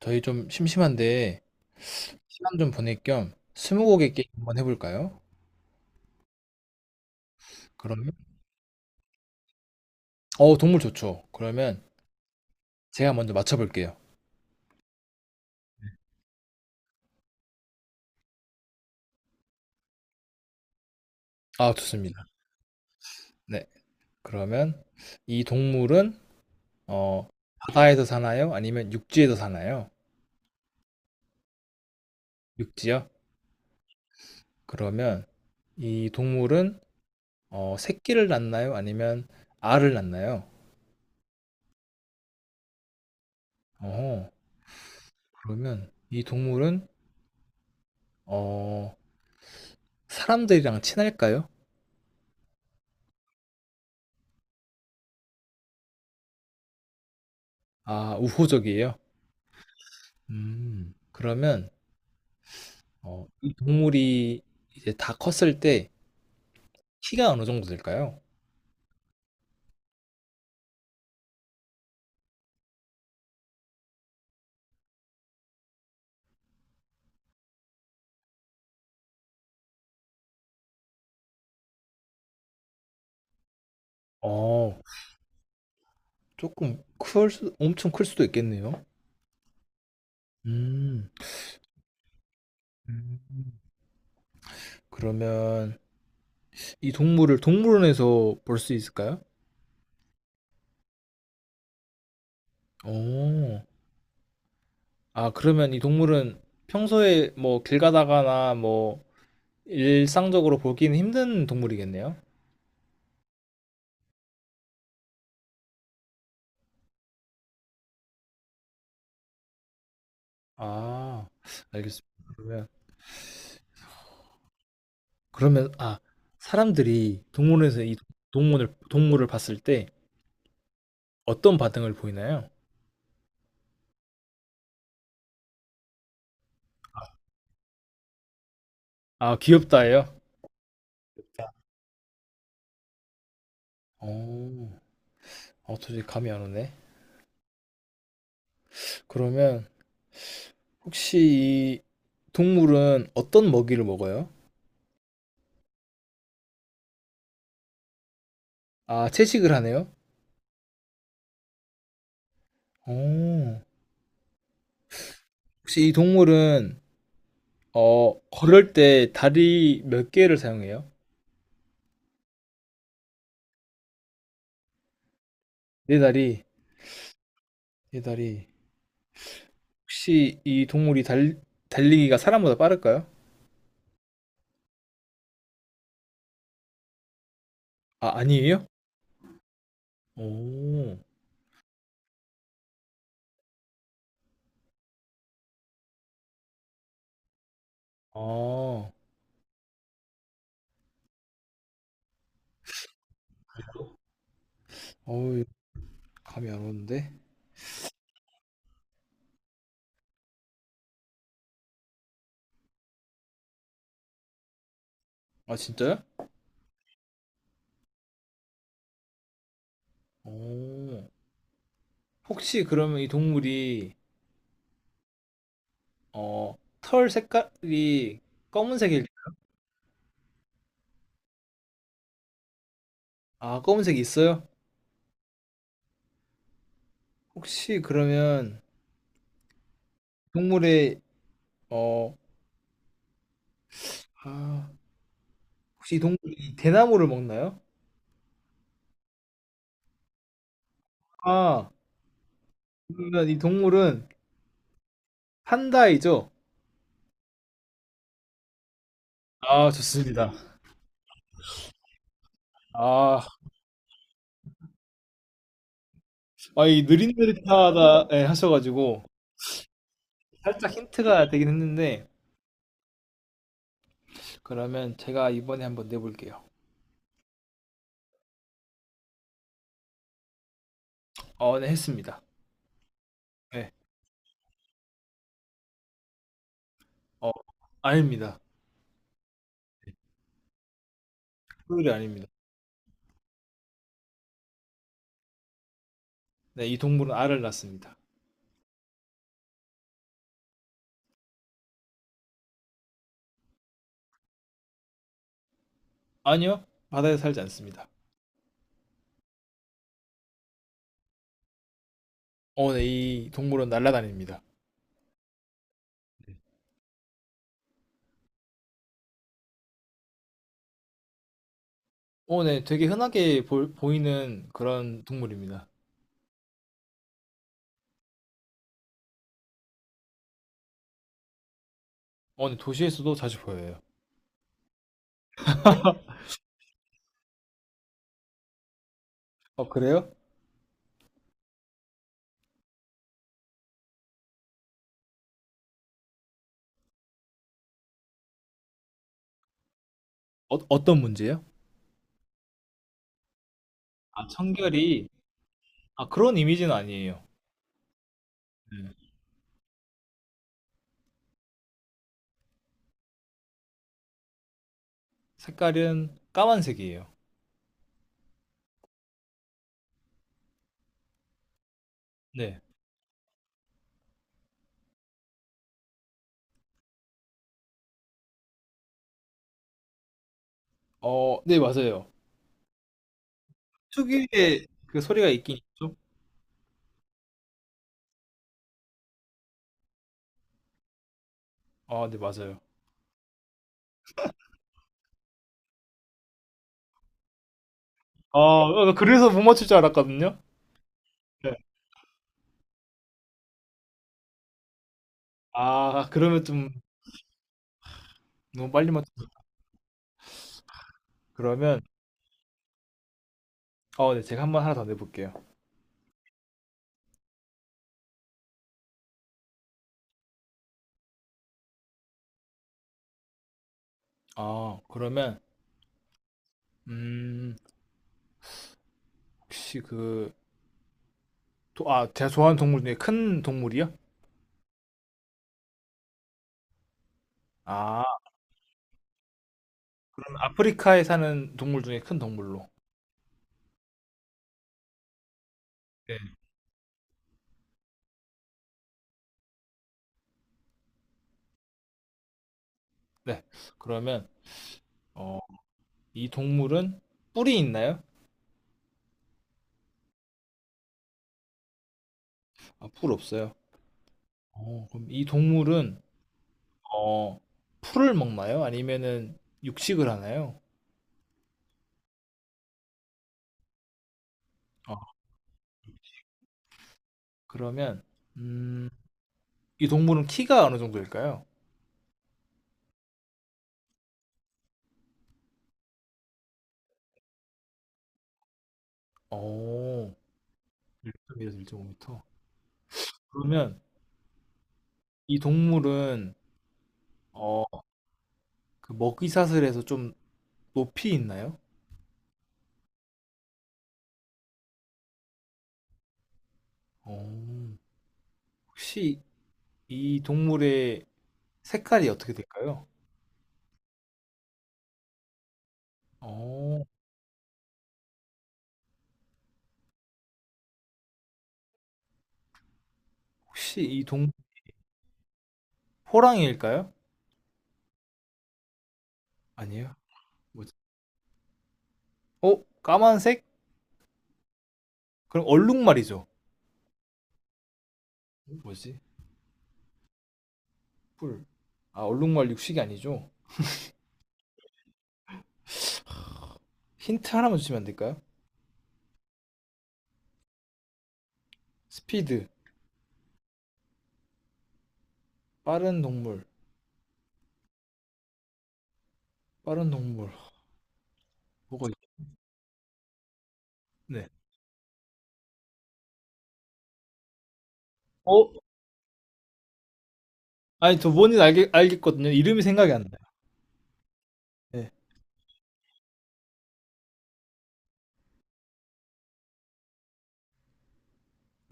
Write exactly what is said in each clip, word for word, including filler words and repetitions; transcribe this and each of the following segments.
저희 좀 심심한데 시간 좀 보낼 겸 스무고개 게임 한번 해볼까요? 그러면 어 동물 좋죠. 그러면 제가 먼저 맞춰볼게요. 아, 좋습니다. 네, 그러면 이 동물은 어 바다에서 사나요? 아니면 육지에서 사나요? 육지요? 그러면 이 동물은 어 새끼를 낳나요? 아니면 알을 낳나요? 어. 그러면 이 동물은 어 사람들이랑 친할까요? 아, 우호적이에요. 음, 그러면 어, 이 동물이 이제 다 컸을 때 키가 어느 정도 될까요? 어, 조금 클 수, 엄청 클 수도 있겠네요. 음, 음. 그러면 이 동물을 동물원에서 볼 수 있을까요? 오. 아, 그러면 이 동물은 평소에 뭐 길 가다가나 뭐 일상적으로 보기는 힘든 동물이겠네요. 아, 알겠습니다. 그러면, 그러면, 아, 사람들이 동물원에서 이 동물을, 동물을 봤을 때 어떤 반응을 보이나요? 아, 귀엽다예요? 오. 어, 도저히 감이 안 오네. 그러면 혹시 이 동물은 어떤 먹이를 먹어요? 아, 채식을 하네요? 오. 혹시 이 동물은 어, 걸을 때 다리 몇 개를 사용해요? 네 다리, 네 다리. 혹시 이 동물이 달, 달리기가 사람보다 빠를까요? 아, 아니에요? 오. 아. 어우, 감이 안 오는데? 아, 진짜요? 오. 혹시 그러면 이 동물이 어, 털 색깔이 검은색일 아, 검은색이 있어요? 혹시 그러면 동물의 어, 아, 혹시 이 동물이 대나무를 먹나요? 아, 그러면 이 동물은 판다이죠? 아, 좋습니다. 아. 아, 이 느릿느릿하다 예, 하셔가지고 살짝 힌트가 되긴 했는데, 그러면 제가 이번에 한번 내볼게요. 어, 네, 했습니다. 네. 어, 아닙니다. 소율이 아닙니다. 네, 이 동물은 알을 낳습니다. 아니요. 바다에 살지 않습니다. 어, 네, 이 동물은 날아다닙니다. 어, 네, 되게 흔하게 볼- 보이는 그런 동물입니다. 어, 네, 도시에서도 자주 보여요. 어, 그래요? 어, 어떤 문제요? 아, 청결이 아, 그런 이미지는 아니에요. 네. 색깔은 까만색이에요. 네. 어, 네, 맞아요. 특유의 그 소리가 있긴 있죠? 아, 네, 맞아요. 아, 어, 나 그래서 못 맞출 줄 알았거든요. 네. 아, 그러면 좀 너무 빨리 맞. 그러면 어, 네, 제가 한번 하나 더 내볼게요. 아, 그러면 음, 혹시 그, 도, 아, 제가 좋아하는 동물 중에 큰 동물이요? 아, 그럼 아프리카에 사는 동물 중에 큰 동물로. 네. 네. 그러면, 어, 이 동물은 뿔이 있나요? 아, 뿔 없어요. 어, 그럼 이 동물은, 어, 풀을 먹나요? 아니면은 육식을 하나요? 어, 그러면, 음, 이 동물은 키가 어느 정도일까요? 오, 일 점 이에서 일 점 오 미터. 그러면 이 동물은, 어, 그 먹이사슬에서 좀 높이 있나요? 어, 혹시 이 동물의 색깔이 어떻게 될까요? 어, 혹시 이 동, 호랑이일까요? 아니에요. 뭐지? 어, 까만색? 그럼 얼룩말이죠. 뭐지? 뿔. 아, 얼룩말 육식이 아니죠. 힌트 하나만 주시면 안 될까요? 스피드. 빠른 동물. 빠른 동물. 뭐가 있. 네. 어? 아니, 저 뭔지 알겠, 알겠거든요. 이름이 생각이 안 나요. 네.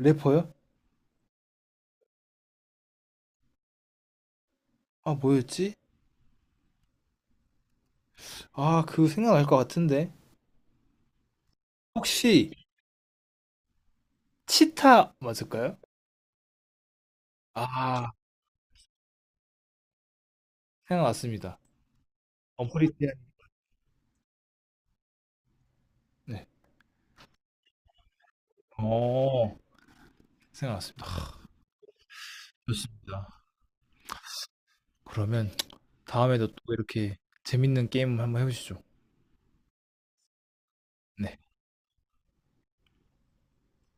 래퍼요? 아, 뭐였지? 아, 그거 생각날 것 같은데. 혹시 치타 맞을까요? 아, 생각났습니다. 엄프리티안. 네. 어, 생각났습니다. 좋습니다. 그러면 다음에도 또 이렇게 재밌는 게임 한번 해보시죠. 네.